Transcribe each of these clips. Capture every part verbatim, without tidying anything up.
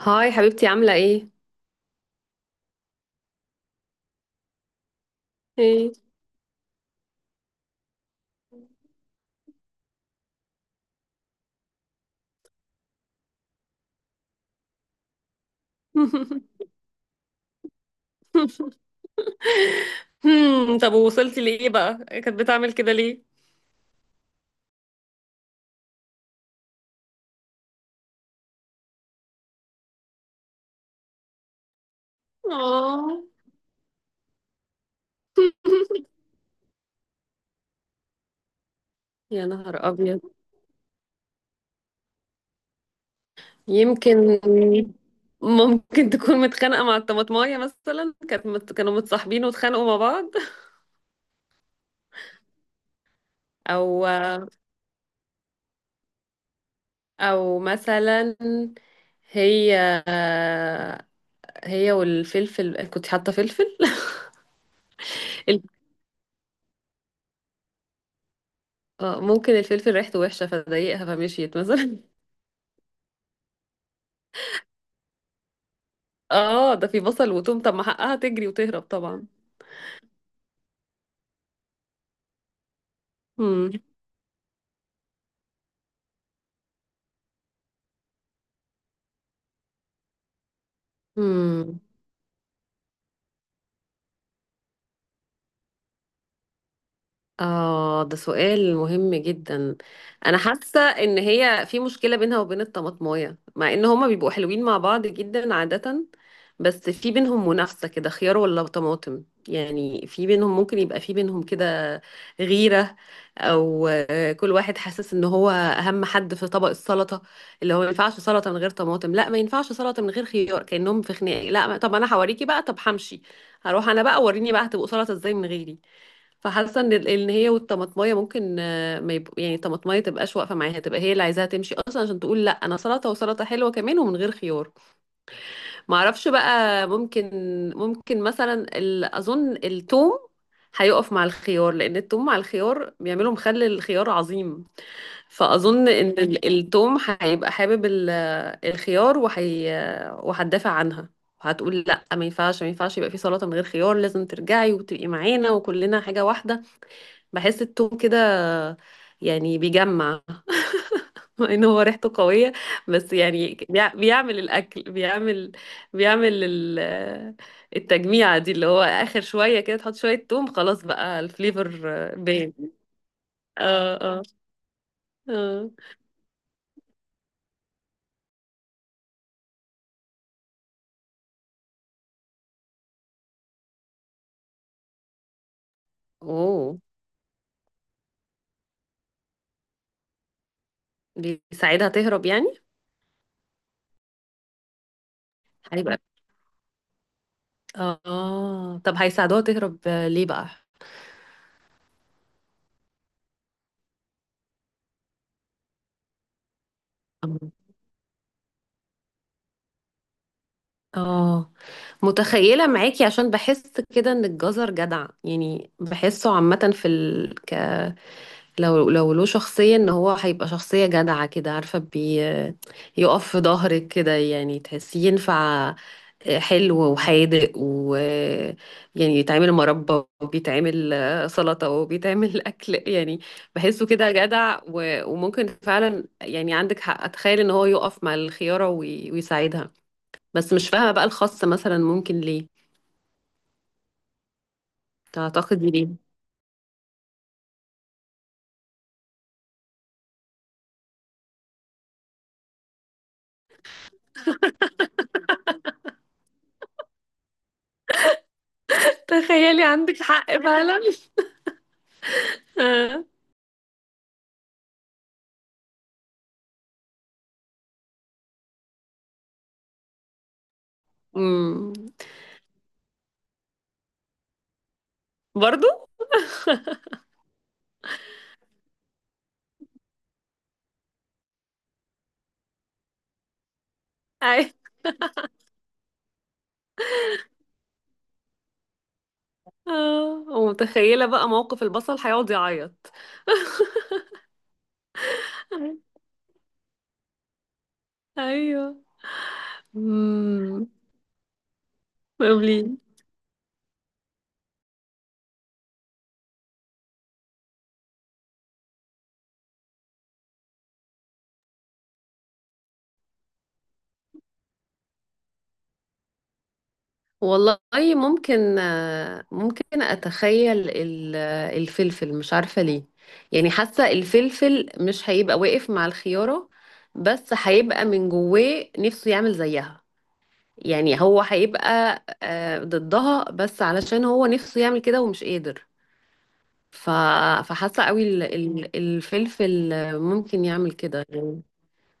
هاي حبيبتي عاملة ايه؟ ايه. هم، طب وصلتي لإيه بقى؟ كانت بتعمل كده ليه؟ اه. يا نهار ابيض. يمكن. ممكن تكون متخانقة مع الطماطماية مثلا، كانت مت... كانوا متصاحبين واتخانقوا مع بعض. او او مثلا. هي هي والفلفل، كنت حاطة فلفل. ال- آه، ممكن الفلفل ريحته وحشة فضايقها فمشيت مثلا. اه، ده في بصل وتوم، طب ما حقها تجري وتهرب طبعا. امم. امم. اه، ده سؤال مهم جدا. انا حاسه ان هي في مشكله بينها وبين الطماطمايه، مع ان هما بيبقوا حلوين مع بعض جدا عاده. بس في بينهم منافسة كده، خيار ولا طماطم. يعني في بينهم ممكن يبقى في بينهم كده غيرة. أو آه، كل واحد حاسس إن هو أهم حد في طبق السلطة، اللي هو ما ينفعش سلطة من غير طماطم، لا ما ينفعش سلطة من غير خيار، كأنهم في خناقة. لا، ما- طب أنا هوريكي بقى، طب همشي. هروح أنا بقى، وريني بقى هتبقوا سلطة إزاي من غيري. فحاسة إن ال- إن هي والطماطماية ممكن آه، ما يبقوا، يعني الطماطماية تبقاش واقفة معاها، تبقى هي اللي عايزاها تمشي أصلا عشان تقول لا أنا سلطة وسلطة حلوة كمان ومن غير خيار. ما اعرفش بقى، ممكن. ممكن مثلا ال- اظن التوم هيقف مع الخيار، لان التوم مع الخيار بيعملوا مخلل الخيار عظيم. فاظن ان ال- التوم هيبقى حابب ال- الخيار، وهي وهتدافع عنها، وهتقول لا ما ينفعش، ما ينفعش يبقى في سلطة من غير خيار، لازم ترجعي وتبقي معانا وكلنا حاجة واحدة. بحس التوم كده يعني بيجمع. ان هو ريحته قوية، بس يعني بيع- بيعمل الاكل، بيعمل بيعمل ال- التجميعة دي، اللي هو اخر شوية كده تحط شوية توم خلاص بقى الفليفر. باين. اه، اه، اه. اوه. بيساعدها تهرب يعني. هيبقى، اه، طب هيساعدوها تهرب ليه بقى؟ اه، متخيلة معاكي، عشان بحس كده ان الجزر جدع. يعني بحسه عامة في ال... ك... لو لو له شخصية، ان هو هيبقى شخصية جدعة كده عارفة بي، يقف في ظهرك كده، يعني تحسيه ينفع آه، حلو وحادق، و يعني يتعمل مربى وبيتعمل آه، سلطة وبيتعمل أكل يعني. بحسه كده جدع و... وممكن فعلا، يعني عندك حق، أتخيل إن هو يقف مع الخيارة وي... ويساعدها. بس مش فاهمة بقى الخاصة مثلا ممكن ليه. تعتقدي ليه؟ تخيلي عندك حق فعلا. امم. برضو؟ اه، ومتخيلة بقى موقف البصل هيقعد يعيط. ايوه. امم. قولي. والله ممكن آه، ممكن اتخيل ال- آه، الفلفل، مش عارفة ليه. يعني حاسة الفلفل مش هيبقى واقف مع الخيارة، بس هيبقى من جواه نفسه يعمل زيها. يعني هو هيبقى آه، ضدها، بس علشان هو نفسه يعمل كده ومش قادر. ف... فحاسة قوي ال- ال- الفلفل آه، ممكن يعمل كده.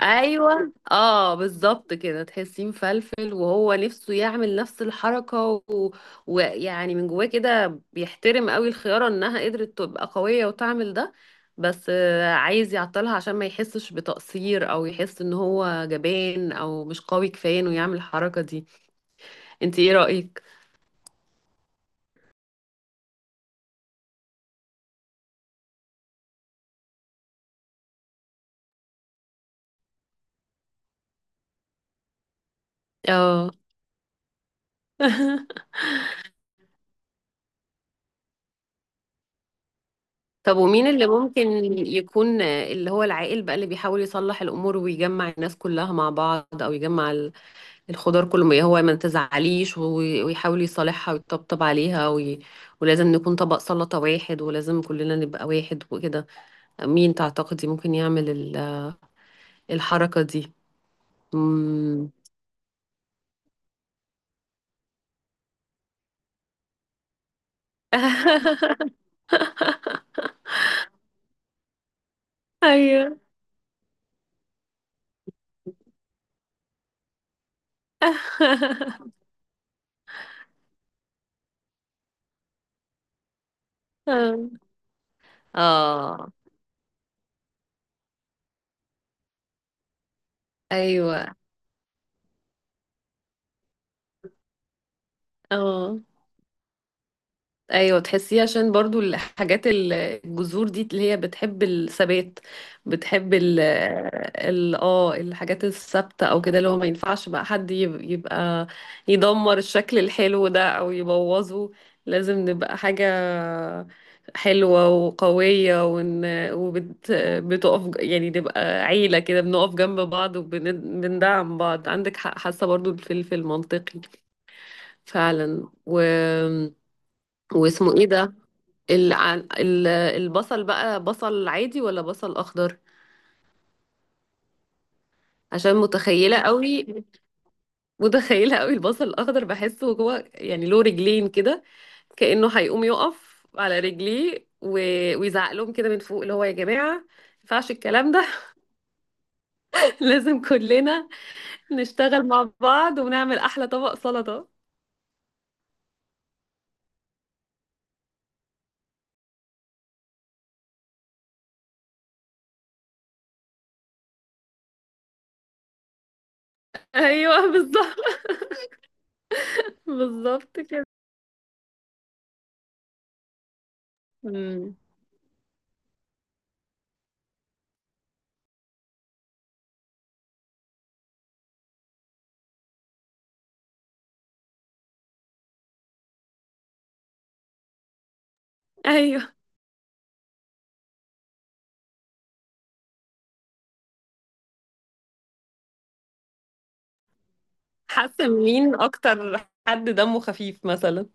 ايوه، اه، بالظبط كده، تحسيه مفلفل وهو نفسه يعمل نفس الحركه و- ويعني من جواه كده بيحترم قوي الخياره انها قدرت تبقى قويه وتعمل ده. بس آه، عايز يعطلها، عشان ما يحسش بتقصير او يحس ان هو جبان او مش قوي كفايه انه يعمل الحركه دي. انت ايه رايك؟ اه. طب ومين اللي ممكن يكون اللي هو العاقل بقى، اللي بيحاول يصلح الأمور ويجمع الناس كلها مع بعض، أو يجمع الخضار كله، ما- هو ما تزعليش وي- ويحاول يصالحها ويطبطب عليها وي... ولازم نكون طبق سلطة واحد، ولازم كلنا نبقى واحد وكده. مين تعتقدي ممكن يعمل ال- الحركة دي؟ مم. ايوه. اه. ايوه. اه. ايوه، تحسيه عشان برضو الحاجات ال- الجذور دي اللي هي بتحب الثبات، بتحب ال ال- اه الحاجات الثابته، او كده اللي هو ما ينفعش بقى حد يب- يبقى يدمر الشكل الحلو ده او يبوظه. لازم نبقى حاجه حلوه وقويه، ون وبت بتقف ج- يعني نبقى عيله كده، بنقف جنب بعض وبندعم بعض، عندك حق، حاسه برضو في في المنطقي فعلا و واسمه ايه ده؟ ال- عن- ال- البصل بقى، بصل عادي ولا بصل اخضر؟ عشان متخيله قوي. متخيله قوي البصل الاخضر، بحسه هو يعني له رجلين كده، كانه هيقوم يقف على رجليه و... ويزعق لهم كده من فوق اللي هو يا جماعه ما ينفعش الكلام ده. لازم كلنا نشتغل مع بعض ونعمل احلى طبق سلطه. ايوه، بالظبط. بالظبط كده. مم. ايوه. حاسه مين اكتر حد دمه خفيف مثلا؟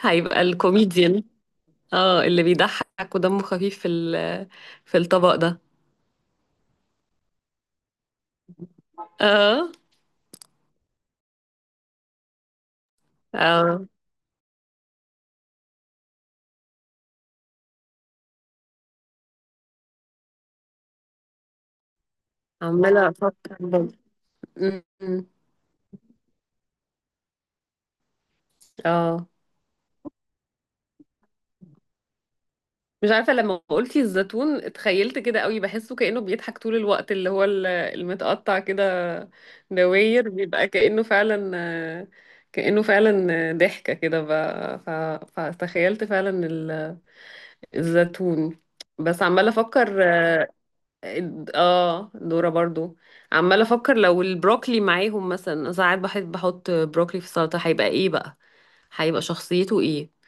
هيبقى الكوميديان، اه، اللي بيضحك ودمه خفيف في ال- في الطبق ده. اه، اه. عمالة افكر برضه. م- م. اه، مش عارفة، لما قلتي الزيتون اتخيلت كده قوي، بحسه كأنه بيضحك طول الوقت، اللي هو ال- المتقطع كده دواير، بيبقى كأنه فعلا كأنه فعلا ضحكة كده، ف... ف... فتخيلت فعلا ال- الزيتون. بس عمالة افكر، اه، دورة برضو. عمالة افكر لو البروكلي معاهم، مثلا ساعات بحب احط بروكلي في السلطة، هيبقى ايه بقى؟ هيبقى شخصيته ايه؟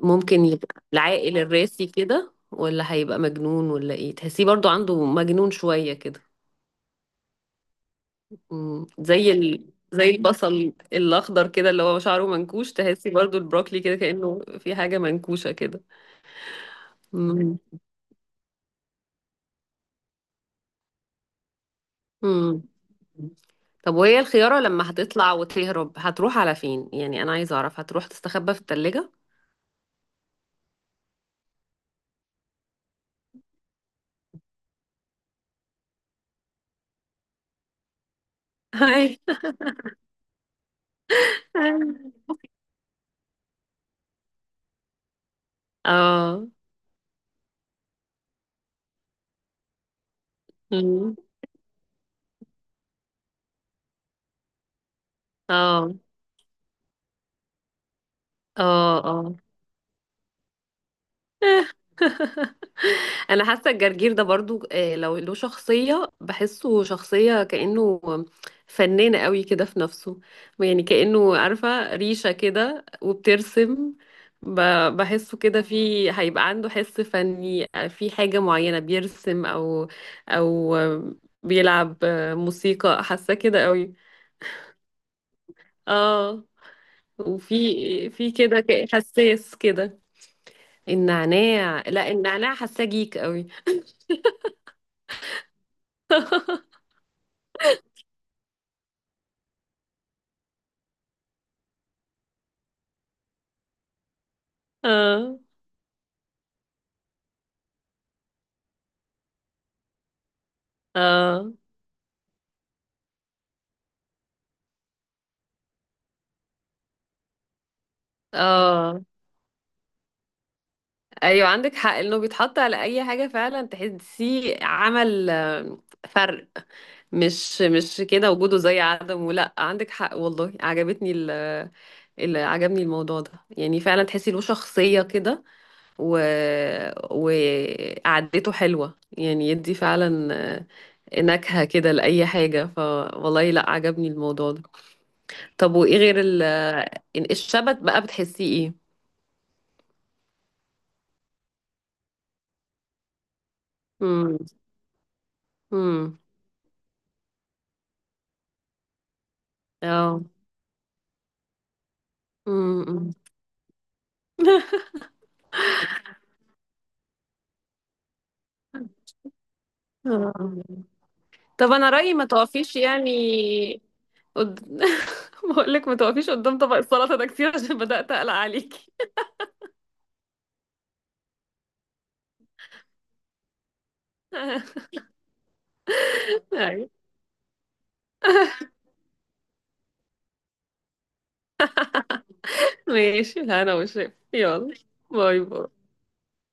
ممكن يبقى العاقل الراسي كده، ولا هيبقى مجنون، ولا ايه؟ تحسيه برضو عنده مجنون شوية كده. مم. زي ال... زي البصل الاخضر كده اللي هو شعره منكوش، تحسي برضو البروكلي كده كأنه في حاجة منكوشة كده. مم. طب وهي الخيارة لما هتطلع وتهرب هتروح على فين؟ يعني أنا عايزة أعرف، هتروح تستخبى في التلاجة؟ أيوة. اه. مم. اه، اه، اه. انا حاسه الجرجير ده برضو آه، لو له شخصيه بحسه شخصيه كانه فنان قوي كده في نفسه، يعني كانه عارفه ريشه كده وبترسم، ب- بحسه كده في، هيبقى عنده حس فني آه، في حاجه معينه بيرسم، او او آه، بيلعب آه، موسيقى، حاسه كده قوي. اه، وفي في كده ك- حساس كده. النعناع لا، النعناع حاساه جيك قوي. اه، اه، اه. ايوه، عندك حق انه بيتحط على اي حاجه فعلا تحسيه عمل آه، فرق. مش مش كده، وجوده زي عدمه، لا، عندك حق والله، عجبتني ال اللي عجبني الموضوع ده، يعني فعلا تحسي له شخصيه كده و... وقعدته حلوه، يعني يدي فعلا آه، نكهه كده لاي حاجه، فوالله لا عجبني الموضوع ده. طب وايه غير ال... الشبت بقى، بتحسيه ايه؟ امم. اه. امم. آه. طب انا رأيي ما تقفيش يعني قد... بقول لك ما تقفيش قدام طبق السلطة ده كتير، عشان بدأت أقلق عليكي. ايوه ماشي، لا انا وشايف، يلا. باي باي.